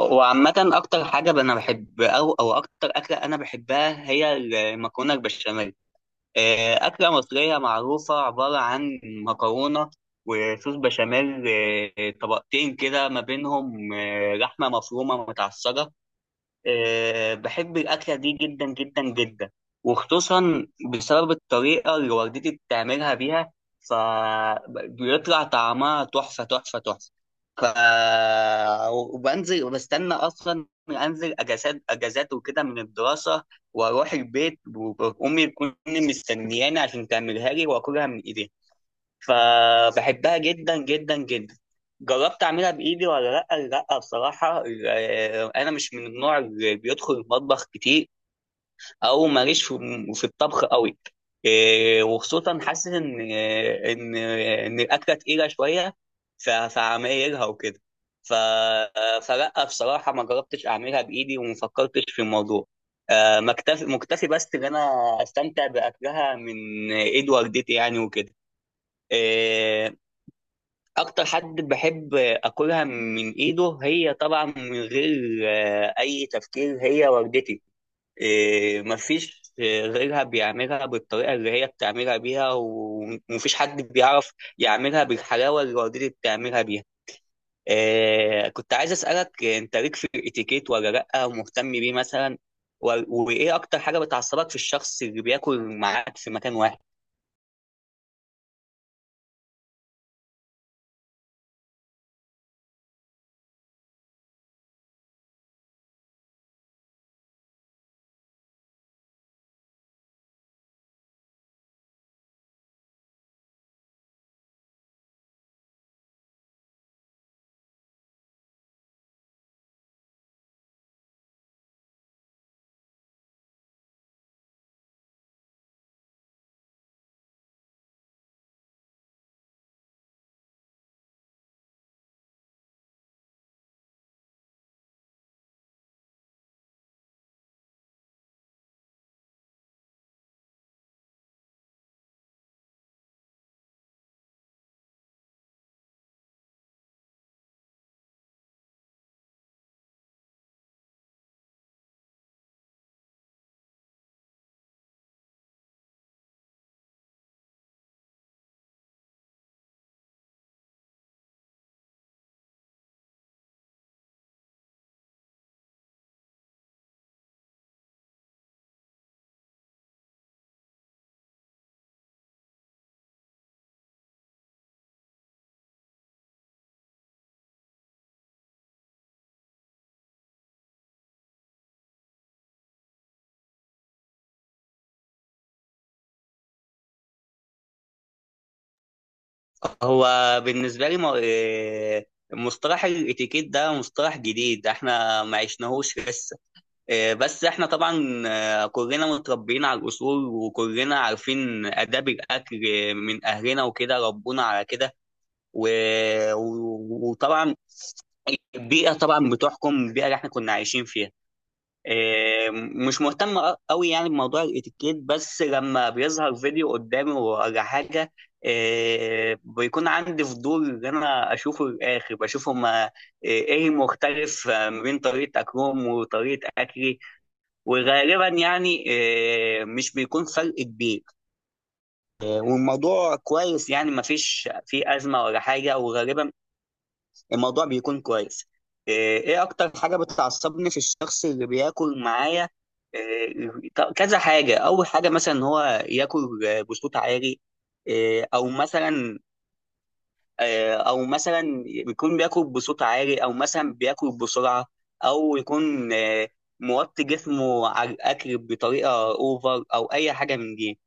وعامة، أكتر حاجة أنا بحب أو أكتر أكلة أنا بحبها هي المكرونة البشاميل. أكلة مصرية معروفة، عبارة عن مكرونة وصوص بشاميل، طبقتين كده ما بينهم لحمة مفرومة متعصرة. بحب الأكلة دي جدا جدا جدا، وخصوصا بسبب الطريقة اللي والدتي بتعملها بيها، فبيطلع طعمها تحفة تحفة تحفة. ف وبنزل وبستنى أصلا أنزل أجازات أجازات وكده من الدراسة، وأروح البيت، وأمي تكون مستنياني عشان تعملها لي وأكلها من إيديها، فبحبها جدا جدا جدا. جربت اعملها بايدي ولا لا؟ لا بصراحه، انا مش من النوع اللي بيدخل المطبخ كتير، او ماليش في الطبخ قوي. وخصوصا حاسس ان الاكله تقيله شويه، فعمايلها وكده. ف آه، فلا بصراحه ما جربتش اعملها بايدي وما فكرتش في الموضوع. مكتفي مكتفي بس ان انا استمتع باكلها من ايد والدتي يعني وكده. آه، اكتر حد بحب اكلها من ايده هي طبعا من غير اي تفكير هي والدتي. مفيش غيرها بيعملها بالطريقه اللي هي بتعملها بيها، و- ومفيش حد بيعرف يعملها بالحلاوه اللي والدتي بتعملها بيها. كنت عايز اسالك، انت ليك في الاتيكيت ولا لا مهتم بيه مثلا؟ و- وايه اكتر حاجه بتعصبك في الشخص اللي بياكل معاك في مكان واحد؟ هو بالنسبة لي، م- إيه، مصطلح الاتيكيت ده مصطلح جديد، احنا ما عشناهوش لسه. بس احنا طبعا كلنا متربيين على الاصول، وكلنا عارفين آداب الاكل من اهلنا وكده ربونا على كده. و- و- وطبعا البيئة طبعا بتحكم، البيئة اللي احنا كنا عايشين فيها. مش مهتم قوي يعني بموضوع الاتيكيت، بس لما بيظهر فيديو قدامي ولا حاجه بيكون عندي فضول ان انا اشوفه للاخر، بشوف هما ايه المختلف ما بين طريقه اكلهم وطريقه اكلي. وغالبا يعني مش بيكون فرق كبير. والموضوع كويس يعني ما فيش فيه ازمه ولا حاجه، وغالبا الموضوع بيكون كويس. إيه إيه اكتر حاجة بتعصبني في الشخص اللي بياكل معايا؟ كذا حاجة، اول حاجة مثلا ان هو ياكل بصوت عالي. او مثلا، او مثلا بيكون بياكل بصوت عالي، او مثلا بياكل بسرعة، او يكون موطي جسمه على الاكل بطريقة اوفر، او اي حاجة من دي.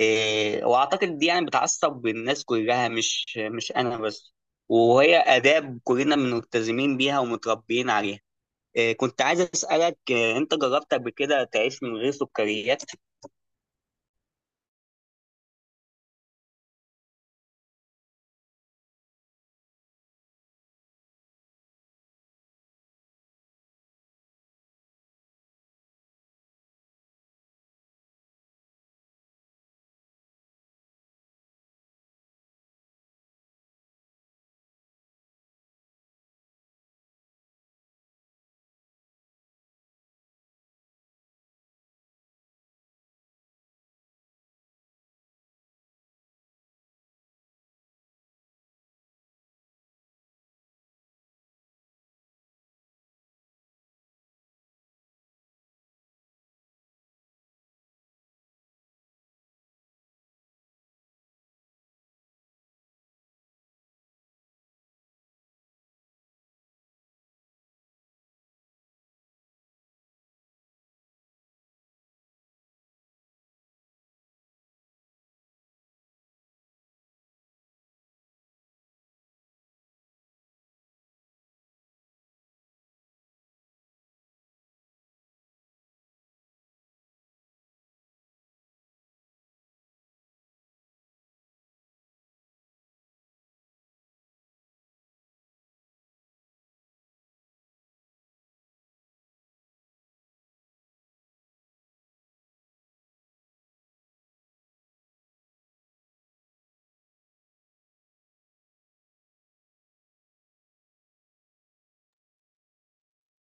واعتقد دي يعني بتعصب الناس كلها، مش انا بس، وهي اداب كلنا ملتزمين بيها ومتربيين عليها. كنت عايز اسالك، انت جربت قبل كده تعيش من غير سكريات؟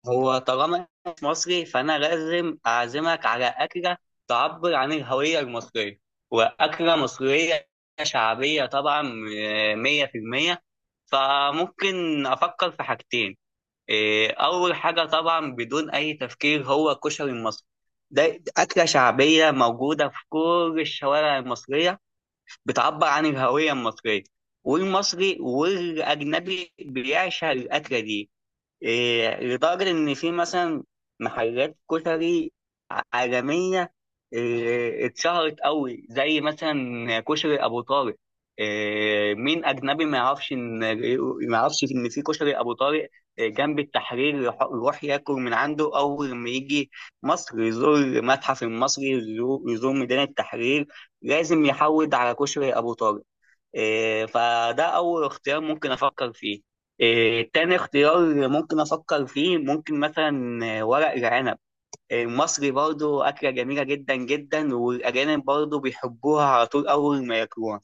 هو طالما إنت مصري فانا لازم اعزمك على اكله تعبر عن الهويه المصريه، واكله مصريه شعبيه طبعا، 100%. فممكن افكر في حاجتين. أول حاجة طبعا بدون أي تفكير هو الكشري المصري. ده أكلة شعبية موجودة في كل الشوارع المصرية، بتعبر عن الهوية المصرية، والمصري والأجنبي بيعشق الأكلة دي لدرجة إن في مثلا محلات كشري عالمية اتشهرت قوي، زي مثلا كشري أبو طارق. مين أجنبي ما يعرفش إن في كشري أبو طارق جنب التحرير؟ يروح ياكل من عنده أول ما يجي مصر، يزور المتحف المصري، يزور ميدان التحرير، لازم يحود على كشري أبو طارق. فده أول اختيار ممكن أفكر فيه. تاني اختيار ممكن أفكر فيه ممكن مثلا ورق العنب المصري برضو، أكلة جميلة جدا جدا والأجانب برضو بيحبوها على طول أول ما ياكلوها.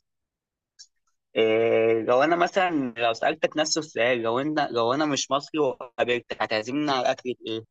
لو أنا مثلا لو سألتك نفس السؤال، لو أنا مش مصري وقابلتك هتعزمني على أكلة إيه؟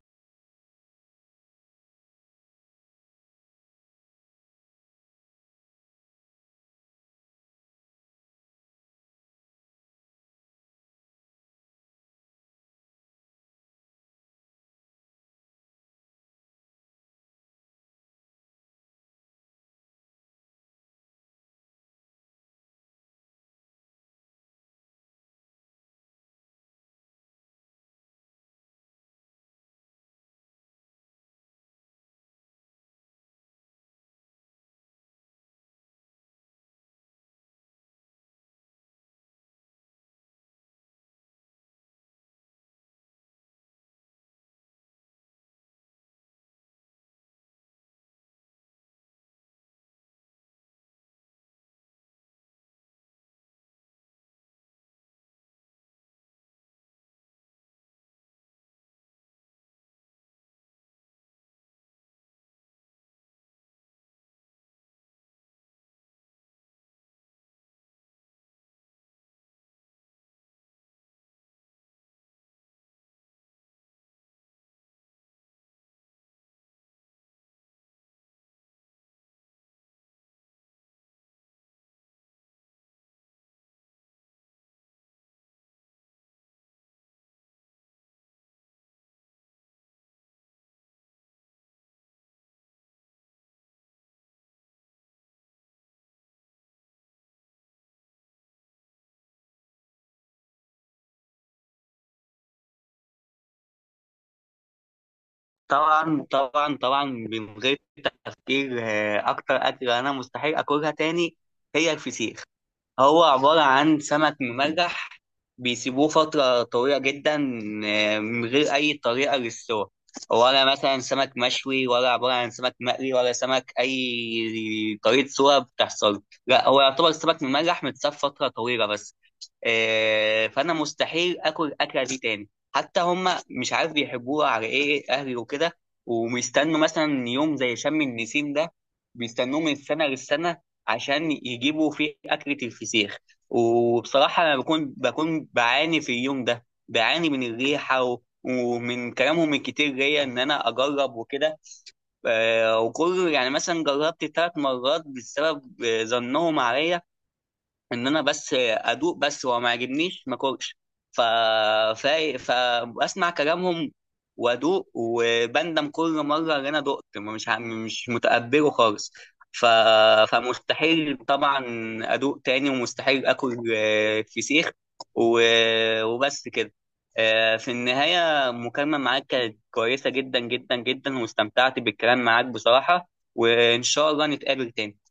طبعا طبعا طبعا، من غير تفكير أكتر أكلة أنا مستحيل أكلها تاني هي الفسيخ. هو عبارة عن سمك منجح، بيسيبوه فترة طويلة جدا من غير أي طريقة للسوى، ولا مثلا سمك مشوي، ولا عبارة عن سمك مقلي، ولا سمك أي طريقة سوى بتحصل. لا، هو يعتبر سمك منجح متساب فترة طويلة بس. فأنا مستحيل آكل الأكلة دي تاني. حتى هما مش عارف بيحبوها على إيه، أهلي وكده وبيستنوا مثلا يوم زي شم النسيم ده، بيستنوه من السنة للسنة عشان يجيبوا فيه أكلة الفسيخ. وبصراحة أنا بكون بعاني في اليوم ده، بعاني من الريحة و... ومن كلامهم الكتير ليا إن أنا أجرب وكده. وكل يعني مثلا جربت 3 مرات بسبب ظنهم عليا ان انا بس ادوق بس، وما عجبنيش، ما كلش. ف... ف... فاسمع كلامهم وادوق وبندم كل مره ان انا دقت، مش متقبله خالص. ف... فمستحيل طبعا ادوق تاني، ومستحيل اكل فسيخ و... وبس كده. في النهايه، المكالمه معاك كانت كويسه جدا جدا جدا، واستمتعت بالكلام معاك بصراحه، وان شاء الله نتقابل تاني.